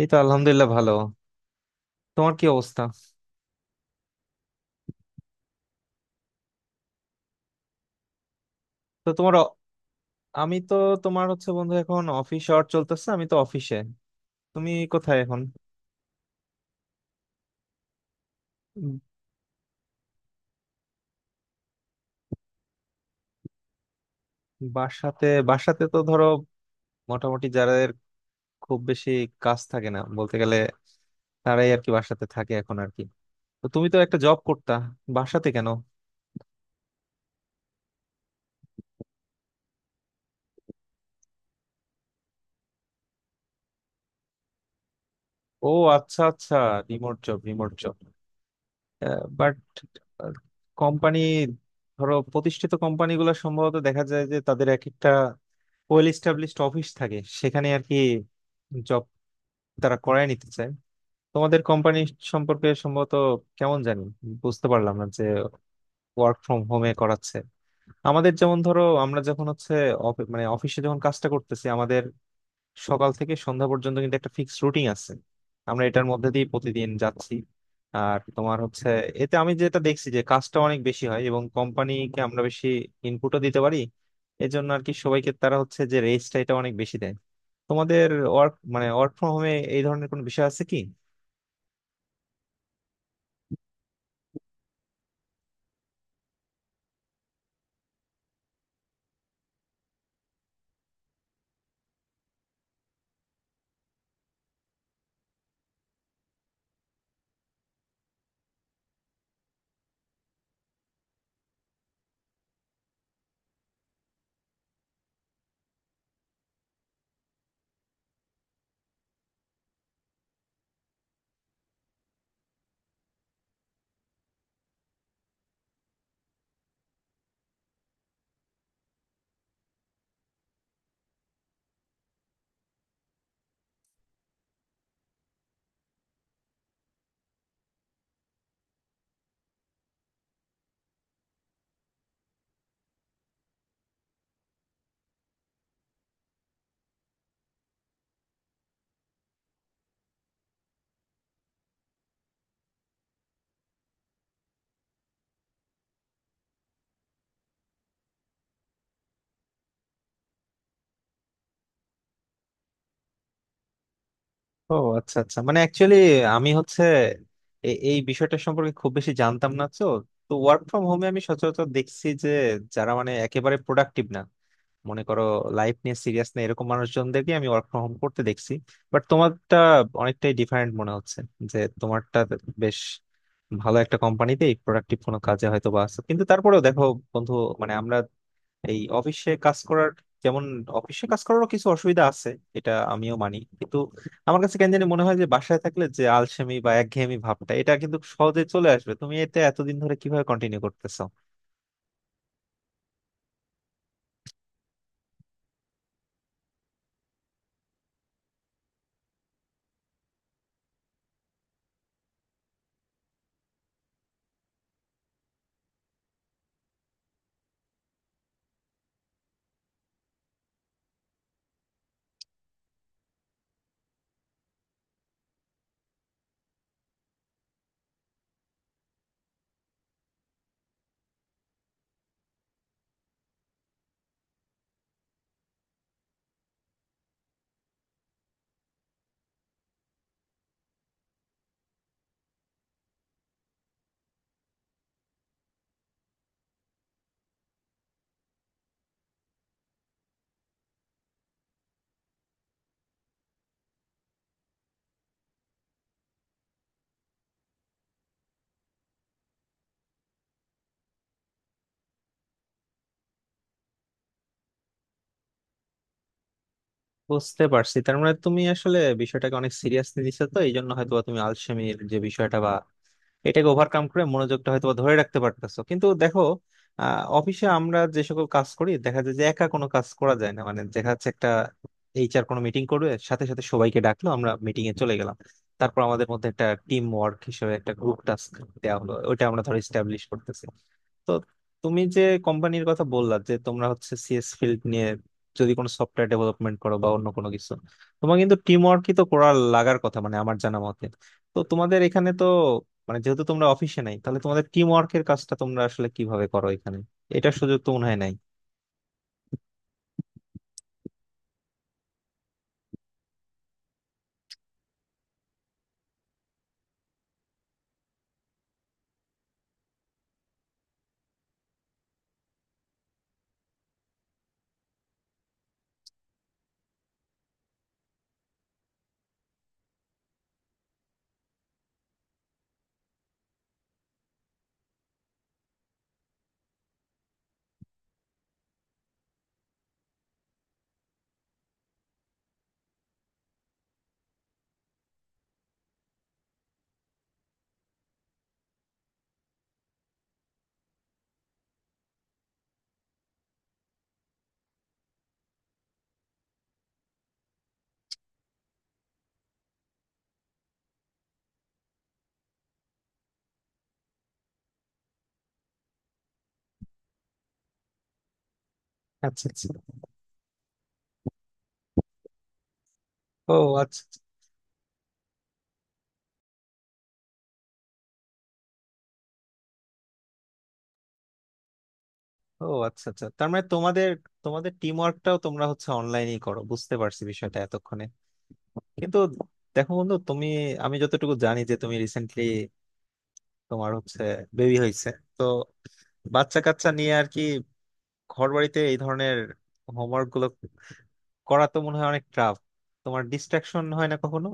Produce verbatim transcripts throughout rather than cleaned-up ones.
এই তো আলহামদুলিল্লাহ ভালো। তোমার কি অবস্থা? তো তোমার অ- আমি তো তোমার হচ্ছে বন্ধু এখন অফিস আওয়ার চলতেছে, আমি তো অফিসে। তুমি কোথায় এখন? উম, বাসাতে বাসাতে তো ধরো মোটামুটি যাদের খুব বেশি কাজ থাকে না বলতে গেলে, তারাই আর কি বাসাতে থাকে এখন আর কি। তো তুমি তো একটা জব করতা, বাসাতে কেন? ও, আচ্ছা আচ্ছা। Remote job remote job. But company, ধরো প্রতিষ্ঠিত কোম্পানিগুলো সম্ভবত দেখা যায় যে তাদের এক একটা ওয়েল এস্টাবলিশড অফিস থাকে, সেখানে আর কি জব তারা করায় নিতে চায়। তোমাদের কোম্পানি সম্পর্কে সম্ভবত কেমন জানি বুঝতে পারলাম না যে ওয়ার্ক ফ্রম হোমে করাচ্ছে। আমাদের যেমন ধরো আমরা যখন হচ্ছে অফি- মানে অফিসে যখন কাজটা করতেছি, আমাদের সকাল থেকে সন্ধ্যা পর্যন্ত কিন্তু একটা ফিক্সড রুটিন আছে, আমরা এটার মধ্যে দিয়ে প্রতিদিন যাচ্ছি। আর তোমার হচ্ছে, এতে আমি যেটা দেখছি যে কাজটা অনেক বেশি হয় এবং কোম্পানিকে আমরা বেশি ইনপুটও দিতে পারি। এই জন্য আর কি সবাইকে তারা হচ্ছে যে রেসটা এটা অনেক বেশি দেয়। তোমাদের ওয়ার্ক মানে ওয়ার্ক ফ্রম হোমে এই ধরনের কোনো বিষয় আছে কি? ও আচ্ছা আচ্ছা, মানে অ্যাকচুয়ালি আমি হচ্ছে এ- এই বিষয়টা সম্পর্কে খুব বেশি জানতাম না তো। তো ওয়ার্ক ফ্রম হোমে আমি সচরাচর দেখছি যে যারা মানে একেবারে প্রোডাক্টিভ না, মনে করো লাইফ নিয়ে সিরিয়াস না, এরকম মানুষজনদেরকে আমি ওয়ার্ক ফ্রম হোম করতে দেখছি। বাট তোমারটা অনেকটাই ডিফারেন্ট মনে হচ্ছে, যে তোমারটা বেশ ভালো একটা কোম্পানিতে প্রোডাক্টিভ কোনো কাজে হয়তো বা আছে। কিন্তু তারপরেও দেখো বন্ধু, মানে আমরা এই অফিসে কাজ করার, যেমন অফিসে কাজ করারও কিছু অসুবিধা আছে, এটা আমিও মানি। কিন্তু আমার কাছে কেন জানি মনে হয় যে বাসায় থাকলে যে আলসেমি বা একঘেয়েমি ভাবটা এটা কিন্তু সহজে চলে আসবে। তুমি এটা এতদিন ধরে কিভাবে কন্টিনিউ করতেছো? বুঝতে পারছি, তার মানে তুমি আসলে বিষয়টাকে অনেক সিরিয়াসলি নিছো। তো এই জন্য হয়তো তুমি আলসেমির যে বিষয়টা বা এটাকে ওভারকাম করে মনোযোগটা হয়তো বা ধরে রাখতে পারতেছো। কিন্তু দেখো, আহ, অফিসে আমরা যে সকল কাজ করি দেখা যায় যে একা কোনো কাজ করা যায় না, মানে দেখা যাচ্ছে একটা এইচআর কোনো মিটিং করবে সাথে সাথে সবাইকে ডাকলো, আমরা মিটিং এ চলে গেলাম। তারপর আমাদের মধ্যে একটা টিম ওয়ার্ক হিসেবে একটা গ্রুপ টাস্ক দেওয়া হলো, ওইটা আমরা ধরো স্টাবলিশ করতেছি। তো তুমি যে কোম্পানির কথা বললা যে তোমরা হচ্ছে সিএস ফিল্ড নিয়ে যদি কোনো সফটওয়্যার ডেভেলপমেন্ট করো বা অন্য কোনো কিছু, তোমার কিন্তু টিম ওয়ার্কই তো করার লাগার কথা মানে আমার জানা মতে। তো তোমাদের এখানে তো, মানে যেহেতু তোমরা অফিসে নাই, তাহলে তোমাদের টিম ওয়ার্কের কাজটা তোমরা আসলে কিভাবে করো এখানে? এটার সুযোগ তো মনে হয় নাই। আচ্ছা আচ্ছা। ও আচ্ছা আচ্ছা। ও আচ্ছা আচ্ছা, তার মানে তোমাদের তোমাদের টিম ওয়ার্কটাও তোমরা হচ্ছে অনলাইনেই করো, বুঝতে পারছি বিষয়টা এতক্ষণে। কিন্তু দেখো বন্ধু, তুমি, আমি যতটুকু জানি যে তুমি রিসেন্টলি তোমার হচ্ছে বেবি হয়েছে। তো বাচ্চা কাচ্চা নিয়ে আর কি ঘর বাড়িতে এই ধরনের হোমওয়ার্ক গুলো করা তো মনে হয় অনেক টাফ। তোমার ডিস্ট্রাকশন হয় না কখনো?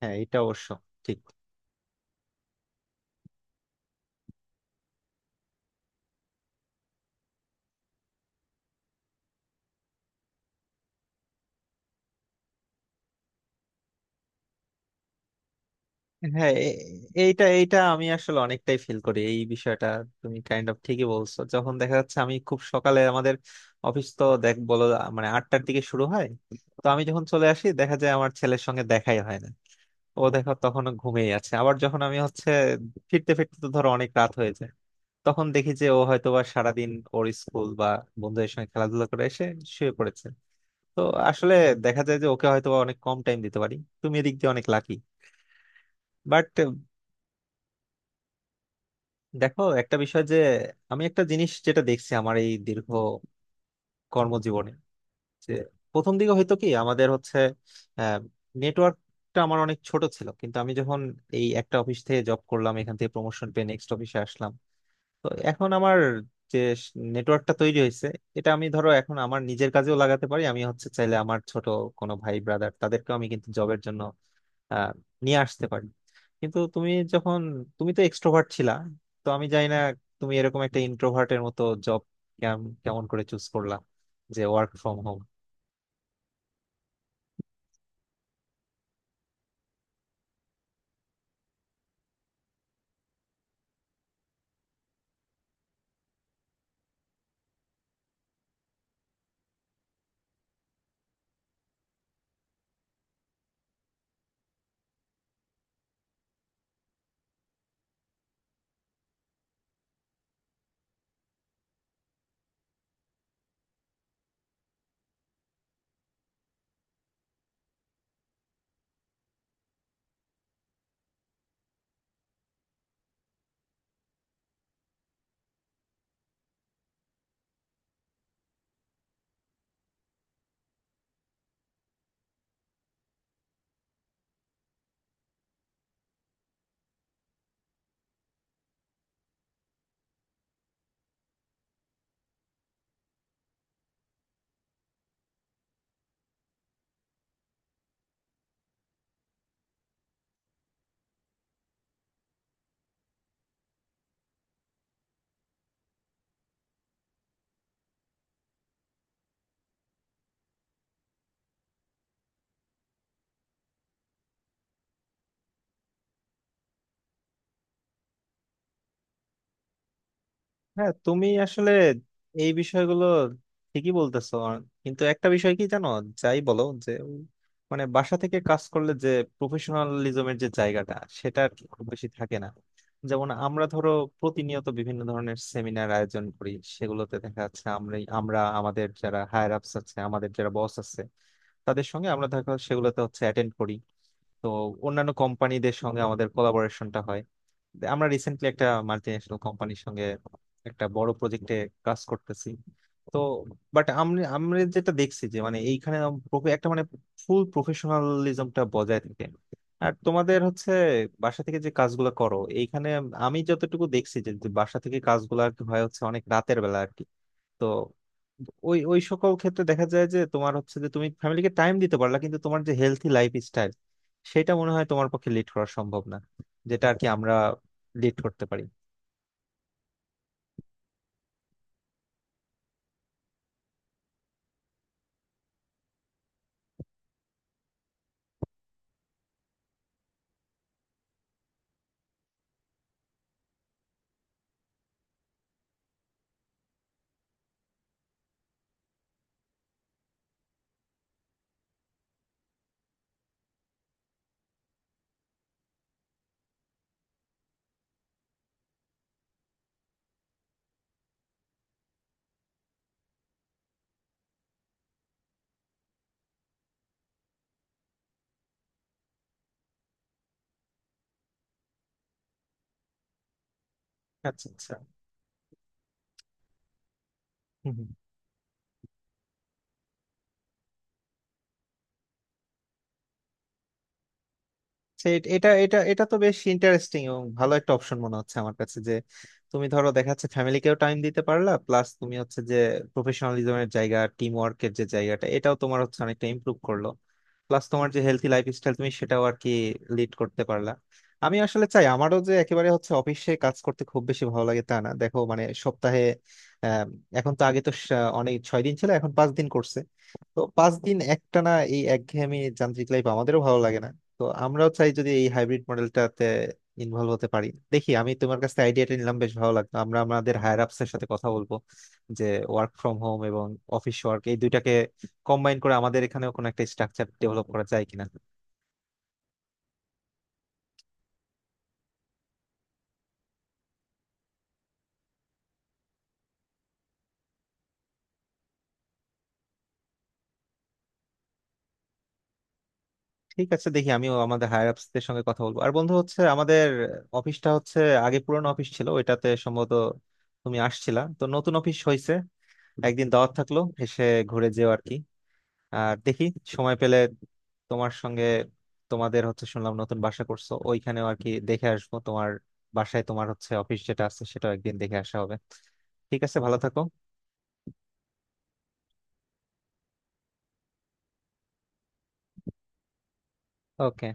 হ্যাঁ এটা অবশ্য ঠিক। হ্যাঁ এ- এইটা এইটা আমি আসলে অনেকটাই ফিল করি এই বিষয়টা। তুমি কাইন্ড অফ ঠিকই বলছো, যখন দেখা যাচ্ছে আমি খুব সকালে আমাদের অফিস তো দেখ বলো মানে আটটার দিকে শুরু হয়। তো আমি যখন চলে আসি দেখা যায় আমার ছেলের সঙ্গে দেখাই হয় না, ও দেখো তখনও ঘুমিয়ে আছে। আবার যখন আমি হচ্ছে ফিরতে ফিরতে তো ধরো অনেক রাত হয়েছে, তখন দেখি যে ও হয়তো বা সারাদিন ওর স্কুল বা বন্ধুদের সঙ্গে খেলাধুলা করে এসে শুয়ে পড়েছে। তো আসলে দেখা যায় যে ওকে হয়তো বা অনেক কম টাইম দিতে পারি। তুমি এদিক দিয়ে অনেক লাকি। বাট দেখো একটা বিষয় যে আমি একটা জিনিস যেটা দেখছি আমার এই দীর্ঘ কর্মজীবনে, যে প্রথম দিকে হয়তো কি আমাদের হচ্ছে নেটওয়ার্কটা আমার অনেক ছোট ছিল। কিন্তু আমি যখন এই একটা অফিস থেকে জব করলাম এখান থেকে প্রমোশন পেয়ে নেক্সট অফিসে আসলাম, তো এখন আমার যে নেটওয়ার্কটা তৈরি হয়েছে এটা আমি ধরো এখন আমার নিজের কাজেও লাগাতে পারি। আমি হচ্ছে চাইলে আমার ছোট কোনো ভাই ব্রাদার তাদেরকেও আমি কিন্তু জবের জন্য আহ, নিয়ে আসতে পারি। কিন্তু তুমি যখন, তুমি তো এক্সট্রোভার্ট ছিলা, তো আমি জানি না তুমি এরকম একটা ইন্ট্রোভার্টের মতো জব কেমন করে চুজ করলা যে ওয়ার্ক ফ্রম হোম। হ্যাঁ তুমি আসলে এই বিষয়গুলো ঠিকই বলতেছো আর- কিন্তু একটা বিষয় কি জানো, যাই বলো যে উম, মানে বাসা থেকে কাজ করলে যে প্রফেশনালিজমের যে জায়গাটা সেটা আর কি খুব বেশি থাকে না। যেমন আমরা ধরো প্রতিনিয়ত বিভিন্ন ধরনের সেমিনার আয়োজন করি, সেগুলোতে দেখা যাচ্ছে আমরা আমরা আমাদের যারা হায়ার আপস আছে আমাদের যারা বস আছে তাদের সঙ্গে আমরা দেখা সেগুলোতে হচ্ছে অ্যাটেন্ড করি। তো অন্যান্য কোম্পানিদের সঙ্গে আমাদের কোলাবোরেশনটা হয়, আমরা রিসেন্টলি একটা মাল্টি ন্যাশনাল কোম্পানির সঙ্গে একটা বড় প্রজেক্টে কাজ করতেছি। তো বাট আমি আমরা যেটা দেখছি যে মানে এইখানে প্রফে- একটা মানে ফুল প্রফেশনালিজমটা বজায় থাকে। আর তোমাদের হচ্ছে বাসা থেকে যে কাজগুলো করো এইখানে আমি যতটুকু দেখছি যে যে বাসা থেকে কাজগুলো আর কি হয় হচ্ছে অনেক রাতের বেলা আর কি। তো ওই ওই সকল ক্ষেত্রে দেখা যায় যে তোমার হচ্ছে যে তুমি ফ্যামিলিকে টাইম দিতে পারলা কিন্তু তোমার যে হেলথি লাইফ স্টাইল সেটা মনে হয় তোমার পক্ষে লিড করা সম্ভব না, যেটা আর কি আমরা লিড করতে পারি। আচ্ছা আচ্ছা। হুম হুম। সে এট- এটা এটা এটা তো বেশ ইন্টারেস্টিং এবং ভালো একটা অপশন মনে হচ্ছে আমার কাছে, যে তুমি ধরো দেখা যাচ্ছে ফ্যামিলিকেও টাইম দিতে পারলা প্লাস তুমি হচ্ছে যে প্রফেশনালিজমের জায়গা টিম ওয়ার্কের যে জায়গাটা এটাও তোমার হচ্ছে অনেকটা ইমপ্রুভ করলো, প্লাস তোমার যে হেলথি লাইফস্টাইল তুমি সেটাও আর কি লিড করতে পারলা। আমি আসলে চাই আমারও যে একেবারে হচ্ছে অফিসে কাজ করতে খুব বেশি ভালো লাগে তা না, দেখো মানে সপ্তাহে আম, এখন তো আগে তো সা- অনেক ছয় দিন ছিল এখন পাঁচ দিন করছে। তো পাঁচ দিন একটানা এই একঘেয়েমি যান্ত্রিক লাইফ আমাদেরও ভালো লাগে না। তো আমরাও চাই যদি এই হাইব্রিড মডেলটাতে ইনভলভ হতে পারি, দেখি আমি তোমার কাছে আইডিয়াটা নিলাম বেশ ভালো লাগলো, আমরা আমাদের হায়ার আপস এর সাথে কথা বলবো যে ওয়ার্ক ফ্রম হোম এবং অফিস ওয়ার্ক এই দুইটাকে কম্বাইন করে আমাদের এখানেও কোনো একটা স্ট্রাকচার ডেভেলপ করা যায় কিনা। ঠিক আছে, দেখি আমিও আমাদের হায়ার আপস দের সঙ্গে কথা বলবো। আর বন্ধু হচ্ছে আমাদের অফিসটা হচ্ছে আগে পুরনো অফিস ছিল, ওইটাতে সম্ভবত তুমি আসছিলা, তো নতুন অফিস হয়েছে। একদিন দাওয়াত থাকলো এসে ঘুরে যেও আর কি। আর দেখি সময় পেলে তোমার সঙ্গে, তোমাদের হচ্ছে শুনলাম নতুন বাসা করছো ওইখানেও আর কি দেখে আসবো। তোমার বাসায় তোমার হচ্ছে অফিস যেটা আছে সেটাও একদিন দেখে আসা হবে। ঠিক আছে, ভালো থাকো। ওকে।